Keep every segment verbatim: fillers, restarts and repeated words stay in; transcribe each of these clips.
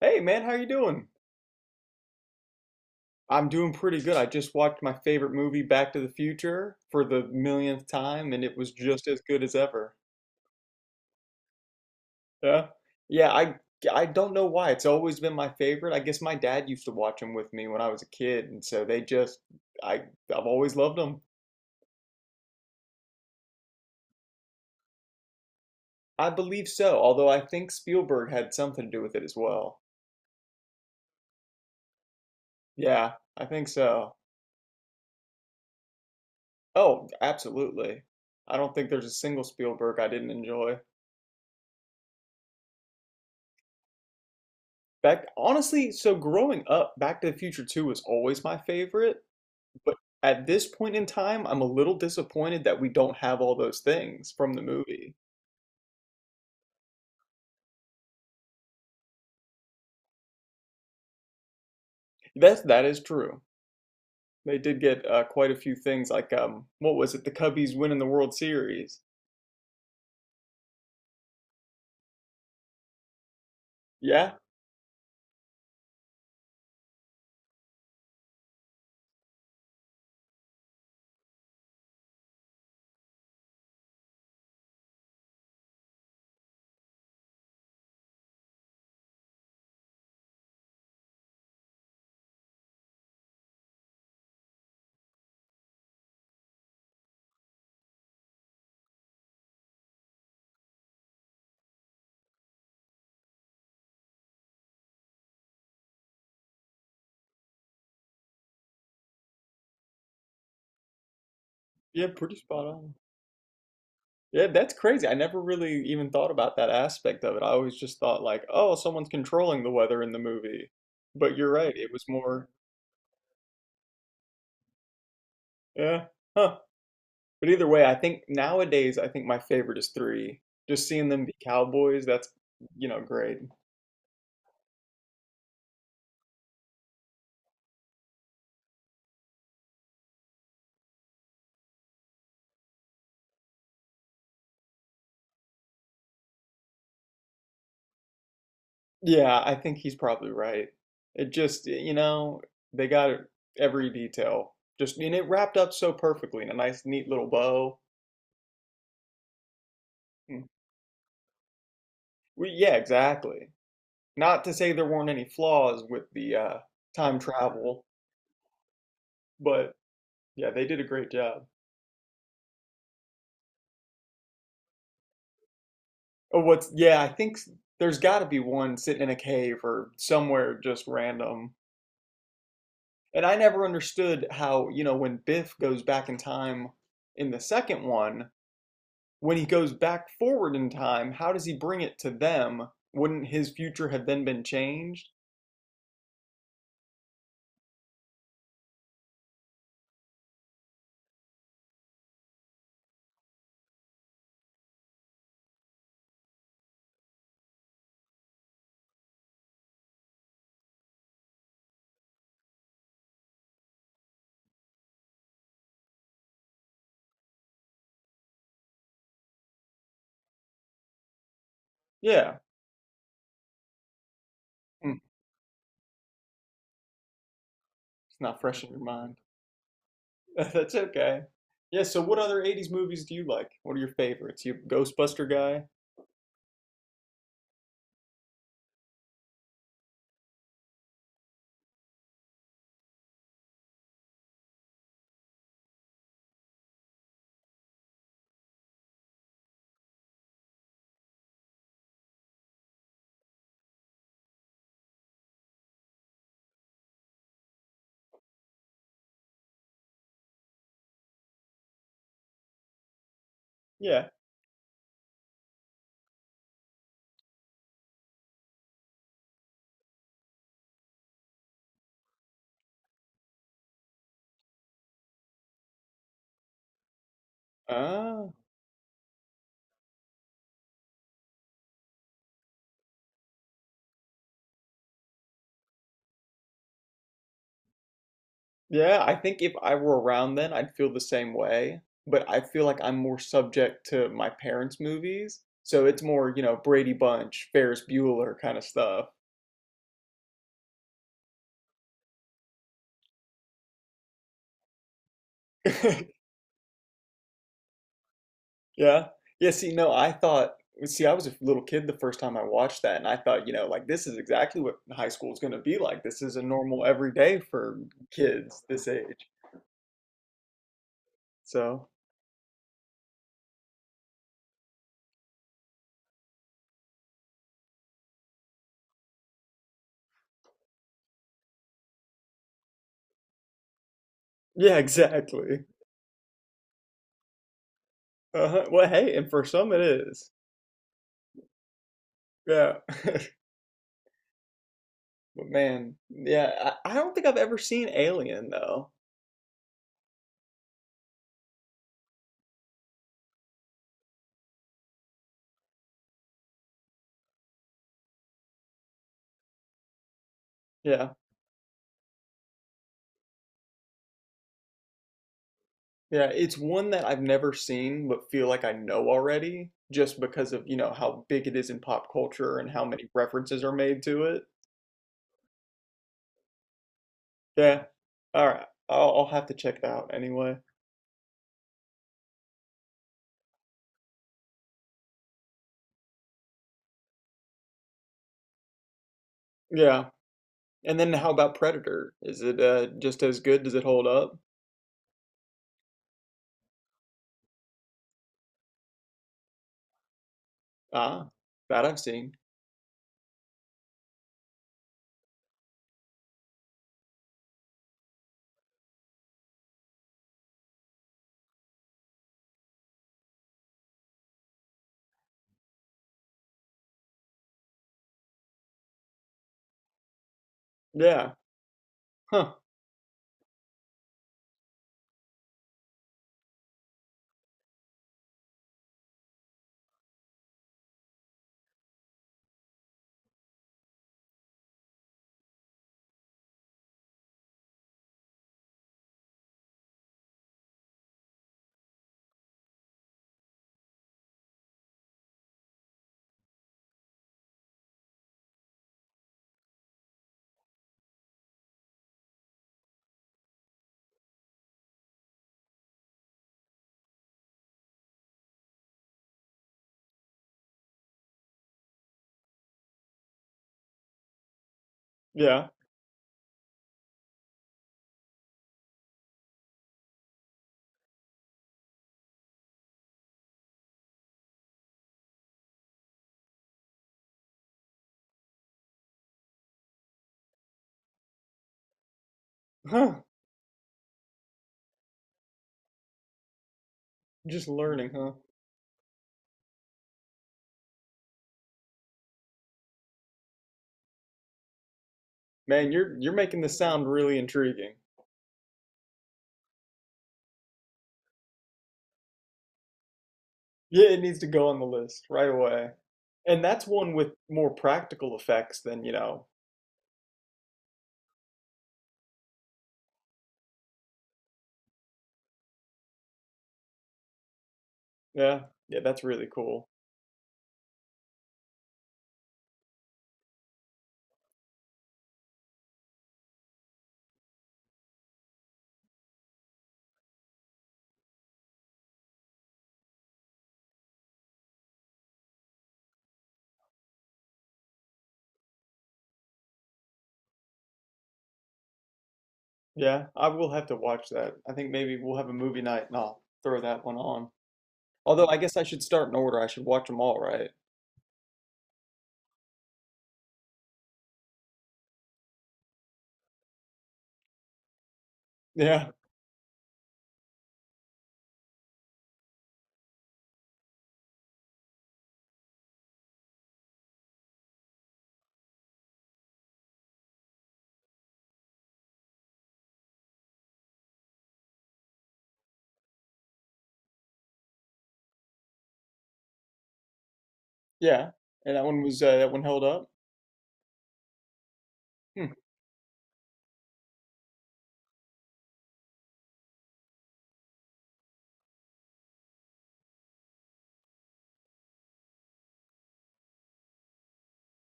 Hey man, how you doing? I'm doing pretty good. I just watched my favorite movie, Back to the Future, for the millionth time, and it was just as good as ever. Yeah. Yeah, I I don't know why. It's always been my favorite. I guess my dad used to watch them with me when I was a kid, and so they just I I've always loved them. I believe so, although I think Spielberg had something to do with it as well. Yeah, I think so. Oh, absolutely. I don't think there's a single Spielberg I didn't enjoy. Back, honestly, so growing up, Back to the Future two was always my favorite, but at this point in time, I'm a little disappointed that we don't have all those things from the movie. That's that is true. They did get uh, quite a few things, like um, what was it? The Cubbies winning the World Series. Yeah, yeah, pretty spot on. Yeah, that's crazy. I never really even thought about that aspect of it. I always just thought like, oh, someone's controlling the weather in the movie. But you're right, it was more, yeah, huh. But either way, I think nowadays I think my favorite is three. Just seeing them be Cowboys, that's, you know, great. Yeah, I think he's probably right. It just, you know, they got every detail. Just, and it wrapped up so perfectly in a nice, neat little bow. Mm. We, yeah, exactly. Not to say there weren't any flaws with the uh, time travel, but yeah, they did a great job. Oh, what's, yeah, I think s- there's got to be one sitting in a cave or somewhere just random. And I never understood how, you know, when Biff goes back in time in the second one, when he goes back forward in time, how does he bring it to them? Wouldn't his future have then been changed? Yeah. Mm, it's not fresh in your mind. That's okay. Yeah, so what other eighties movies do you like? What are your favorites? You a Ghostbuster guy? Yeah. Ah. Yeah, I think if I were around then, I'd feel the same way, but I feel like I'm more subject to my parents' movies. So it's more, you know, Brady Bunch, Ferris Bueller kind of stuff. Yeah. Yeah, see, no, I thought, see, I was a little kid the first time I watched that, and I thought, you know, like this is exactly what high school is going to be like. This is a normal everyday for kids this age. So, yeah, exactly. Uh-huh. Well, hey, and for some it is. Yeah. But man, yeah, I, I don't think I've ever seen Alien though. Yeah. Yeah, it's one that I've never seen but feel like I know already just because of, you know, how big it is in pop culture and how many references are made to it. Yeah. All right. I'll, I'll have to check it out anyway. Yeah. And then how about Predator? Is it uh, just as good? Does it hold up? Ah, that I've seen. Yeah. Huh. Yeah. Huh. Just learning, huh? Man, you're you're making this sound really intriguing. Yeah, it needs to go on the list right away. And that's one with more practical effects than, you know. Yeah. Yeah, that's really cool. Yeah, I will have to watch that. I think maybe we'll have a movie night and I'll throw that one on. Although I guess I should start in order. I should watch them all, right? Yeah. Yeah. And that one was uh, that one held up? Hmm.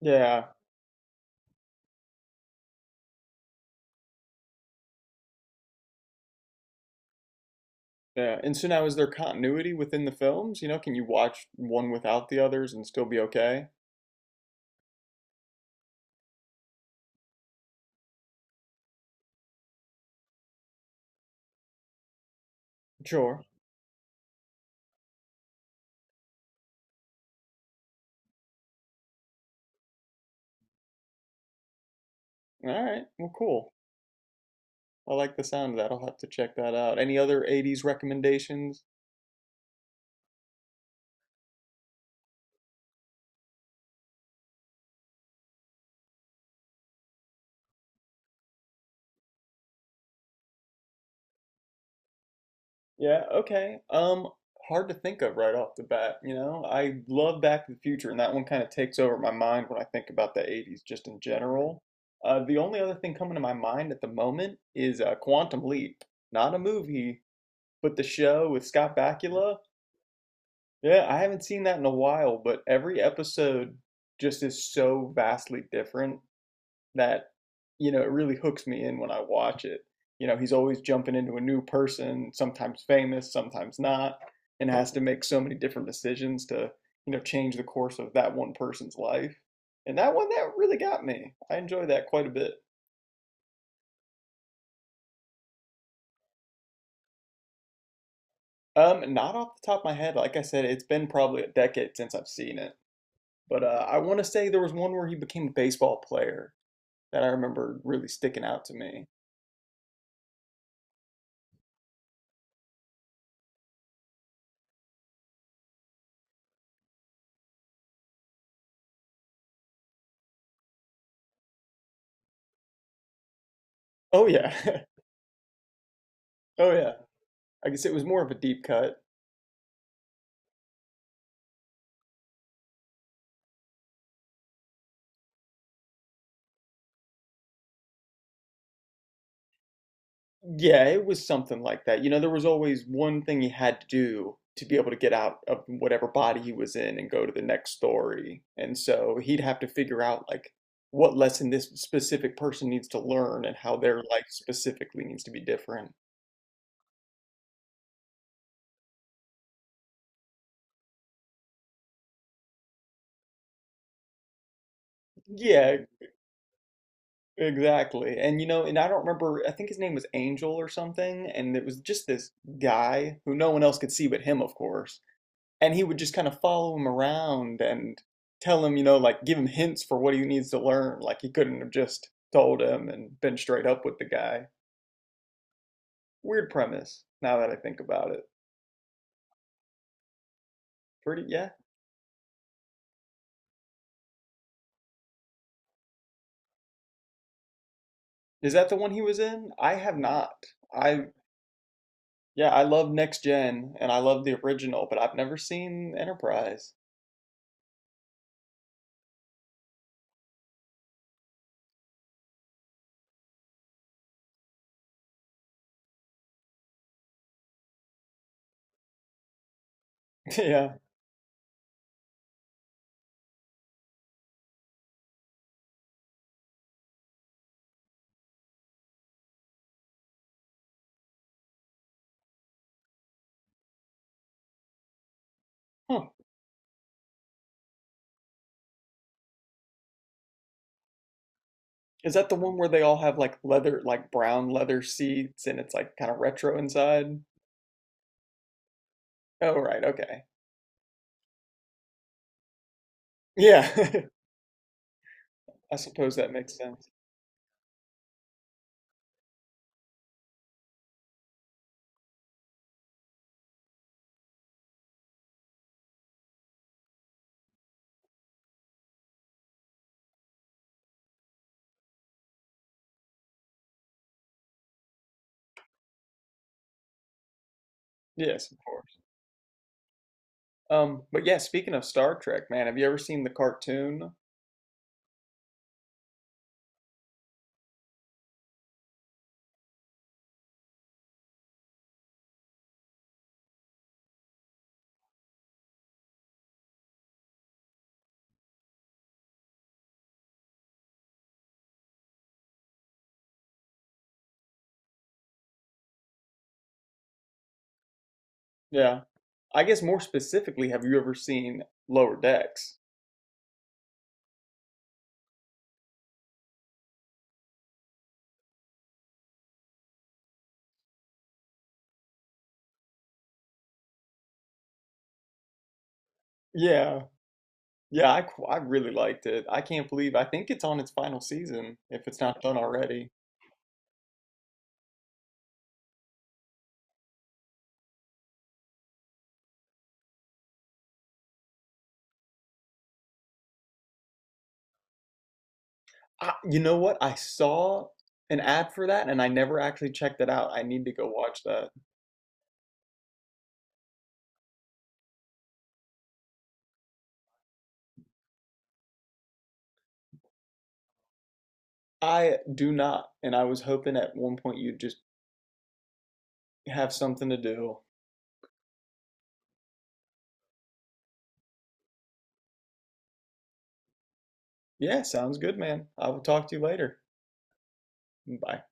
Yeah. Yeah. And so now is there continuity within the films? You know, can you watch one without the others and still be okay? Sure. All right. Well, cool. I like the sound of that. I'll have to check that out. Any other eighties recommendations? Yeah, okay. Um hard to think of right off the bat, you know. I love Back to the Future and that one kind of takes over my mind when I think about the eighties just in general. Uh the only other thing coming to my mind at the moment is uh, Quantum Leap. Not a movie, but the show with Scott Bakula. Yeah, I haven't seen that in a while, but every episode just is so vastly different that you know it really hooks me in when I watch it. You know, he's always jumping into a new person, sometimes famous, sometimes not, and has to make so many different decisions to you know change the course of that one person's life. And that one that really got me. I enjoy that quite a bit. Um, not off the top of my head, like I said, it's been probably a decade since I've seen it. But uh, I want to say there was one where he became a baseball player that I remember really sticking out to me. Oh yeah, oh yeah. I guess it was more of a deep cut. Yeah, it was something like that. You know, there was always one thing he had to do to be able to get out of whatever body he was in and go to the next story. And so he'd have to figure out like what lesson this specific person needs to learn and how their life specifically needs to be different. Yeah, exactly. And you know, and I don't remember, I think his name was Angel or something, and it was just this guy who no one else could see but him, of course. And he would just kind of follow him around and tell him, you know, like give him hints for what he needs to learn. Like he couldn't have just told him and been straight up with the guy. Weird premise. Now that I think about it, pretty yeah. Is that the one he was in? I have not. I yeah, I love Next Gen and I love the original, but I've never seen Enterprise. Yeah. Huh. Is that the one where they all have like leather, like brown leather seats and it's like kind of retro inside? Oh, right. Okay. Yeah. I suppose that makes sense. Yes, of course. Um, but yeah, speaking of Star Trek, man, have you ever seen the cartoon? Yeah. I guess more specifically, have you ever seen Lower Decks? Yeah. Yeah, I, qu- I really liked it. I can't believe I think it's on its final season if it's not done already. I, you know what? I saw an ad for that and I never actually checked it out. I need to go watch that. I do not, and I was hoping at one point you'd just have something to do. Yeah, sounds good, man. I will talk to you later. Bye.